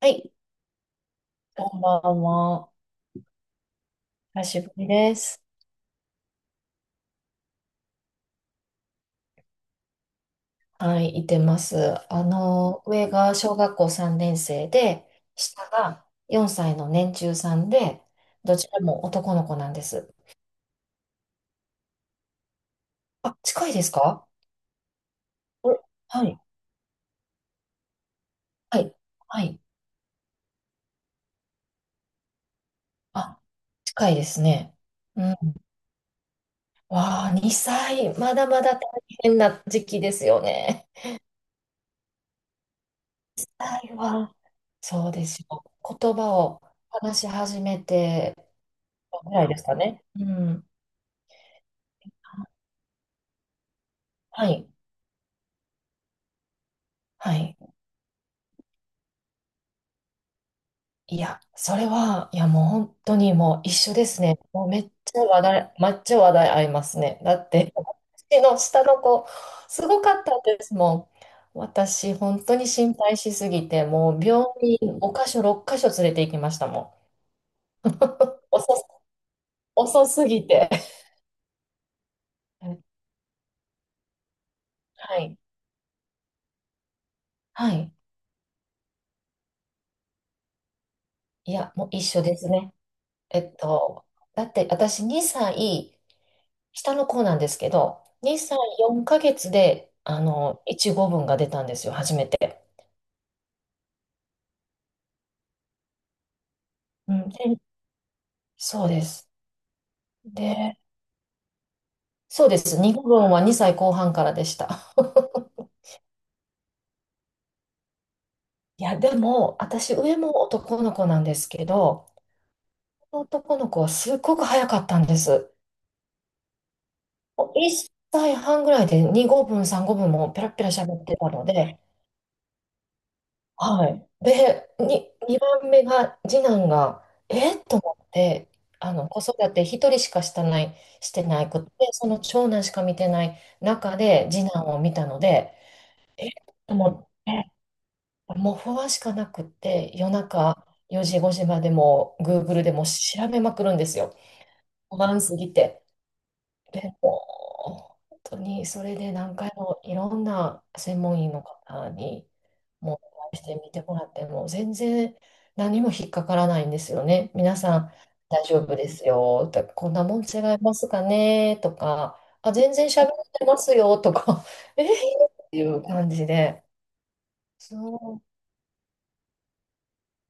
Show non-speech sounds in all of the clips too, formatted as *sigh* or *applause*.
はい、こんばんは。久しぶりです。はい、いてます。上が小学校3年生で、下が4歳の年中さんで、どちらも男の子なんです。あ、近いですか？お、はい、はい、はい。あ、近いですね。うん。わあ、2歳、まだまだ大変な時期ですよね。2歳は、そうですよ。言葉を話し始めてぐらいですかね。うん。はい。はい。いや、それは、いや、もう本当にもう一緒ですね。もうめっちゃ話題、めっちゃ話題合いますね。だって、*laughs* 私の下の子、すごかったですもん。私、本当に心配しすぎて、もう病院5箇所、6箇所連れて行きましたもん。*laughs* 遅す、遅すぎて。はい。はい。いや、もう一緒ですね。えっと、だって私2歳、下の子なんですけど、2歳4ヶ月で、1語文が出たんですよ、初めて。うん、で、そうです。で、そうです。2語文は2歳後半からでした。*laughs* いや、でも、私、上も男の子なんですけど、この男の子はすっごく早かったんです。もう1歳半ぐらいで2語文、3語文もペラペラ喋ってたので、はい。で、2番目が、次男が、えっと思って、子育て一人しかしたない、してないくて、その長男しか見てない中で、次男を見たので、えっと思って、もう不安しかなくって、夜中4時、5時までも、Google でも調べまくるんですよ。不安すぎて。でも、本当にそれで何回もいろんな専門医の方にもうお会いしてみてもらっても全然何も引っかからないんですよね。皆さん大丈夫ですよとか、こんなもん違いますかねとか、あ、全然喋ってますよとか、*laughs* えー、っていう感じで。そう、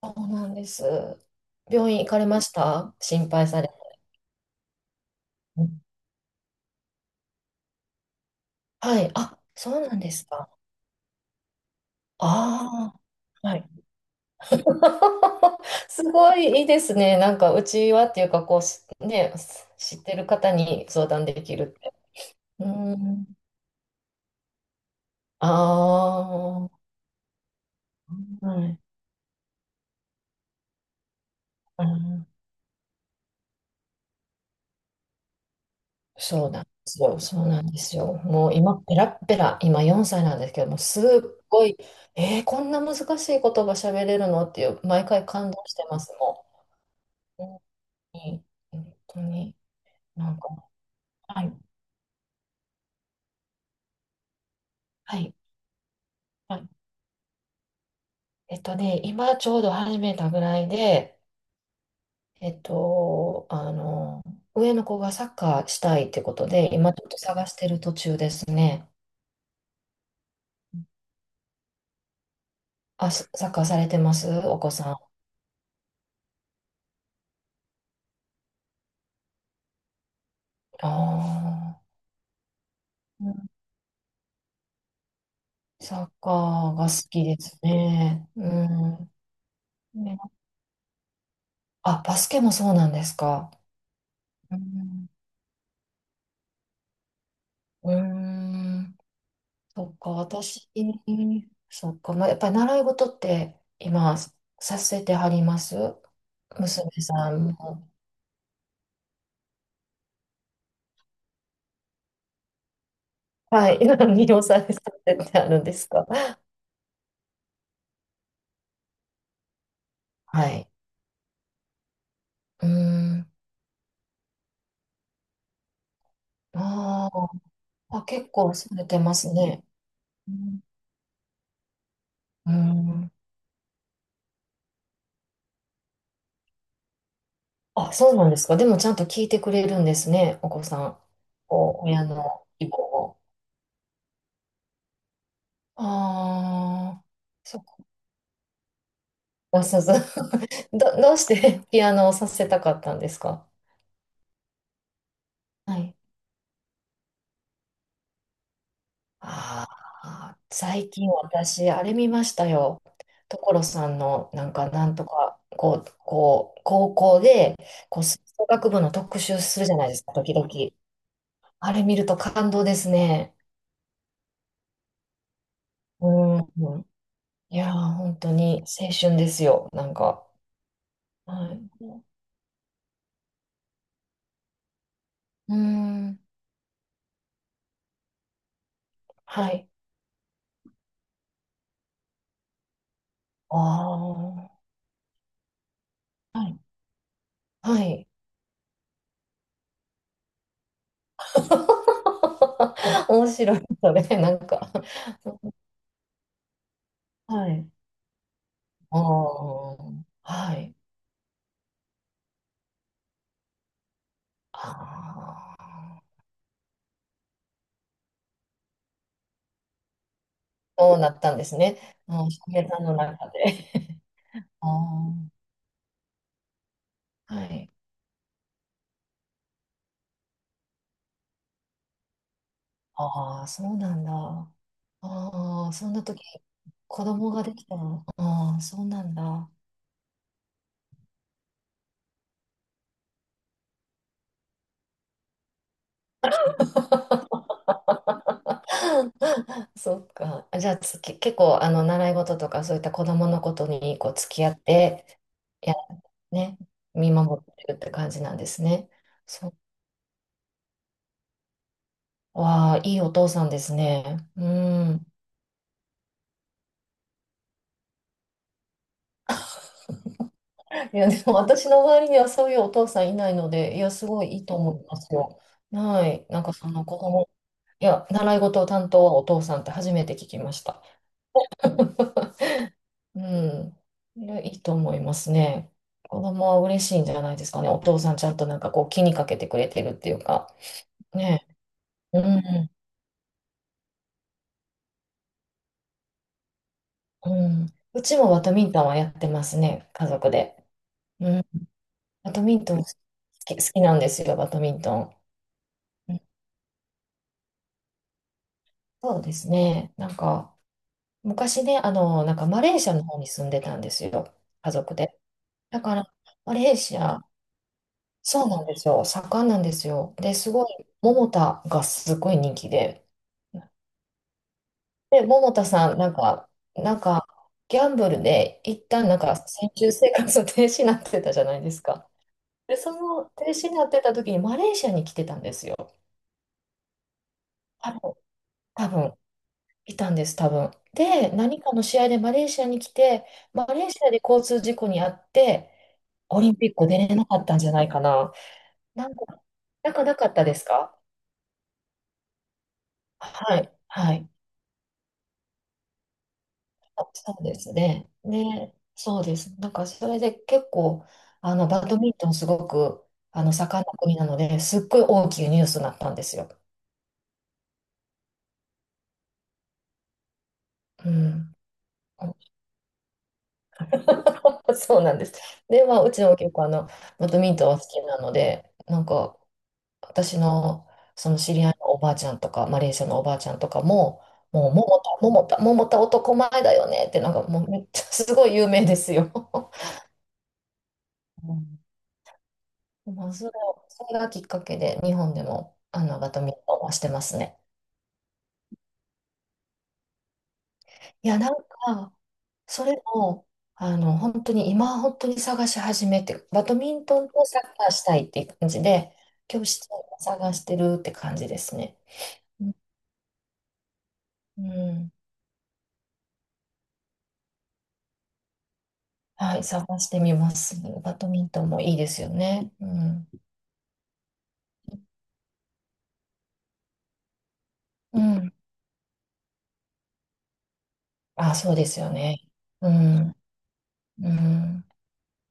そうなんです。病院行かれました心配され？はい。あ、そうなんですか。ああ。はい。 *laughs* すごいいいですね。なんか、うちはっていうか、こうし、ね、知ってる方に相談できるって。うん。ああ、はい。うん、そうなんですよ。そうなんですよ。もう今、ペラッペラ、今4歳なんですけども、すっごい、えーこんな難しい言葉喋れるのっていう、毎回感動してます、もう。うん。本当に、なんか、はい、はい、はい。今ちょうど始めたぐらいで、えっと、あの、上の子がサッカーしたいってことで、今ちょっと探してる途中ですね。あ、サッカーされてますお子さん？ああ、うん。サッカーが好きですね。うん。ね、あ、バスケもそうなんですか？うん。うーん。そっか、私、そっか、まあ、やっぱり習い事って今させてはります、娘さんも？はい。*laughs* 魅了されてるってあるんですか？はい。うーん。あーあ、結構されてますね。うん。うん。あ、そうなんですか。でもちゃんと聞いてくれるんですね、お子さん。お、親の希望を。ああ、そっか。そうそう。*laughs* どうしてピアノをさせたかったんですか？はい。ああ、最近私、あれ見ましたよ。所さんの、なんか、なんとか、こう、高校で、こう、吹奏楽部の特集するじゃないですか、時々。あれ見ると感動ですね。うん。うん。いやー、本当に青春ですよ、なんか。はい。うん。はい。ああ。はい。はい。*laughs* 面白い、それ、なんか。はい。ああ。はい。ああ、そうなったんですね。うん、翔平さんの中で。*laughs* ああ、はい。ああ、そうなんだ。ああ、そんな時、子供ができたの。ああ、そうなんだ。*laughs* そっか。じゃあ結構、習い事とか、そういった子供のことに、こう、付き合って、や、ね、見守ってるって感じなんですね。そう。わあ、いいお父さんですね。うん。いや、でも私の周りにはそういうお父さんいないので、いや、すごいいいと思いますよ。はい。なんかその子供、いや、習い事を担当はお父さんって初めて聞きました。*laughs* うん。いや、いいと思いますね。子供は嬉しいんじゃないですかね。お父さんちゃんとなんかこう気にかけてくれてるっていうか。ね。うん。うん。うちもバドミントンはやってますね。家族で。うん。バドミントン好き、好きなんですよ、バドミントン。うん。そうですね。なんか、昔ね、なんかマレーシアの方に住んでたんですよ、家族で。だから、マレーシア、そうなんですよ、盛んなんですよ。で、すごい、桃田がすごい人気で。で、桃田さん、なんか、なんか、ギャンブルで、一旦なんか、先住生活停止になってたじゃないですか。で、その停止になってた時に、マレーシアに来てたんですよ。多分、多分、いたんです、多分。で、何かの試合でマレーシアに来て、マレーシアで交通事故に遭って、オリンピック出れなかったんじゃないかな。なんか、なんかなかったですか？はい、はい。あ、そうですね。ね、そうです。なんか、それで結構、バドミントンすごく、盛んな国なので、すっごい大きいニュースになったんですよ。うん。*laughs* そうなんです。で、まあ、うちも結構、バドミントンは好きなので、なんか、私のその知り合いのおばあちゃんとか、マレーシアのおばあちゃんとかも、もう、桃田、桃田、桃田男前だよねって、なんかもうめっちゃすごい有名ですよ。うん。 *laughs* まあ、それがきっかけで、日本でも、バドミントンはしてますね。いや、なんか、それも、本当に、今、本当に探し始めて、バドミントンとサッカーしたいっていう感じで、教室を探してるって感じですね。うん。うん。はい、探してみます。バドミントンもいいですよね。うん。うん。あ、そうですよね。うん。うん。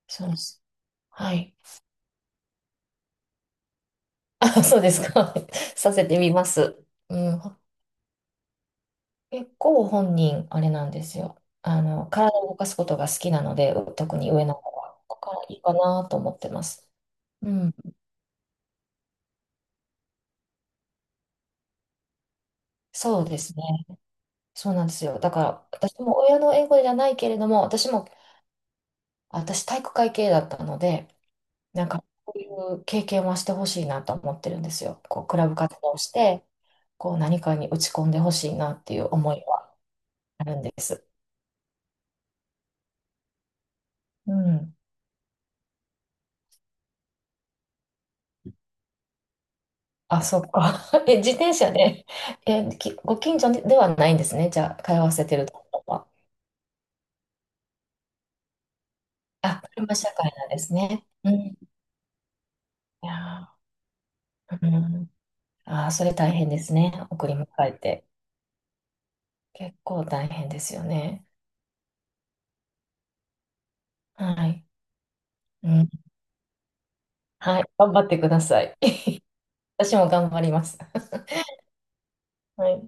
そうです。はい。あ、そうですか。*laughs* させてみます。うん。結構本人、あれなんですよ。体を動かすことが好きなので、特に上の子は、ここからいいかなと思ってます。うん。そうですね。そうなんですよ。だから、私も親の英語じゃないけれども、私も、私体育会系だったので、なんか、こういう経験はしてほしいなと思ってるんですよ。こう、クラブ活動をして、こう、何かに打ち込んでほしいなっていう思いはあるんです。うん。あ、そっか。*laughs* え、自転車で、え、きご近所ではないんですね。じゃあ、通わせてるところは。あ、車社会なんですね。うん。いやー、うん。あー、それ大変ですね。送り迎えて。結構大変ですよね。はい。うん。はい。頑張ってください。*laughs* 私も頑張ります。はい。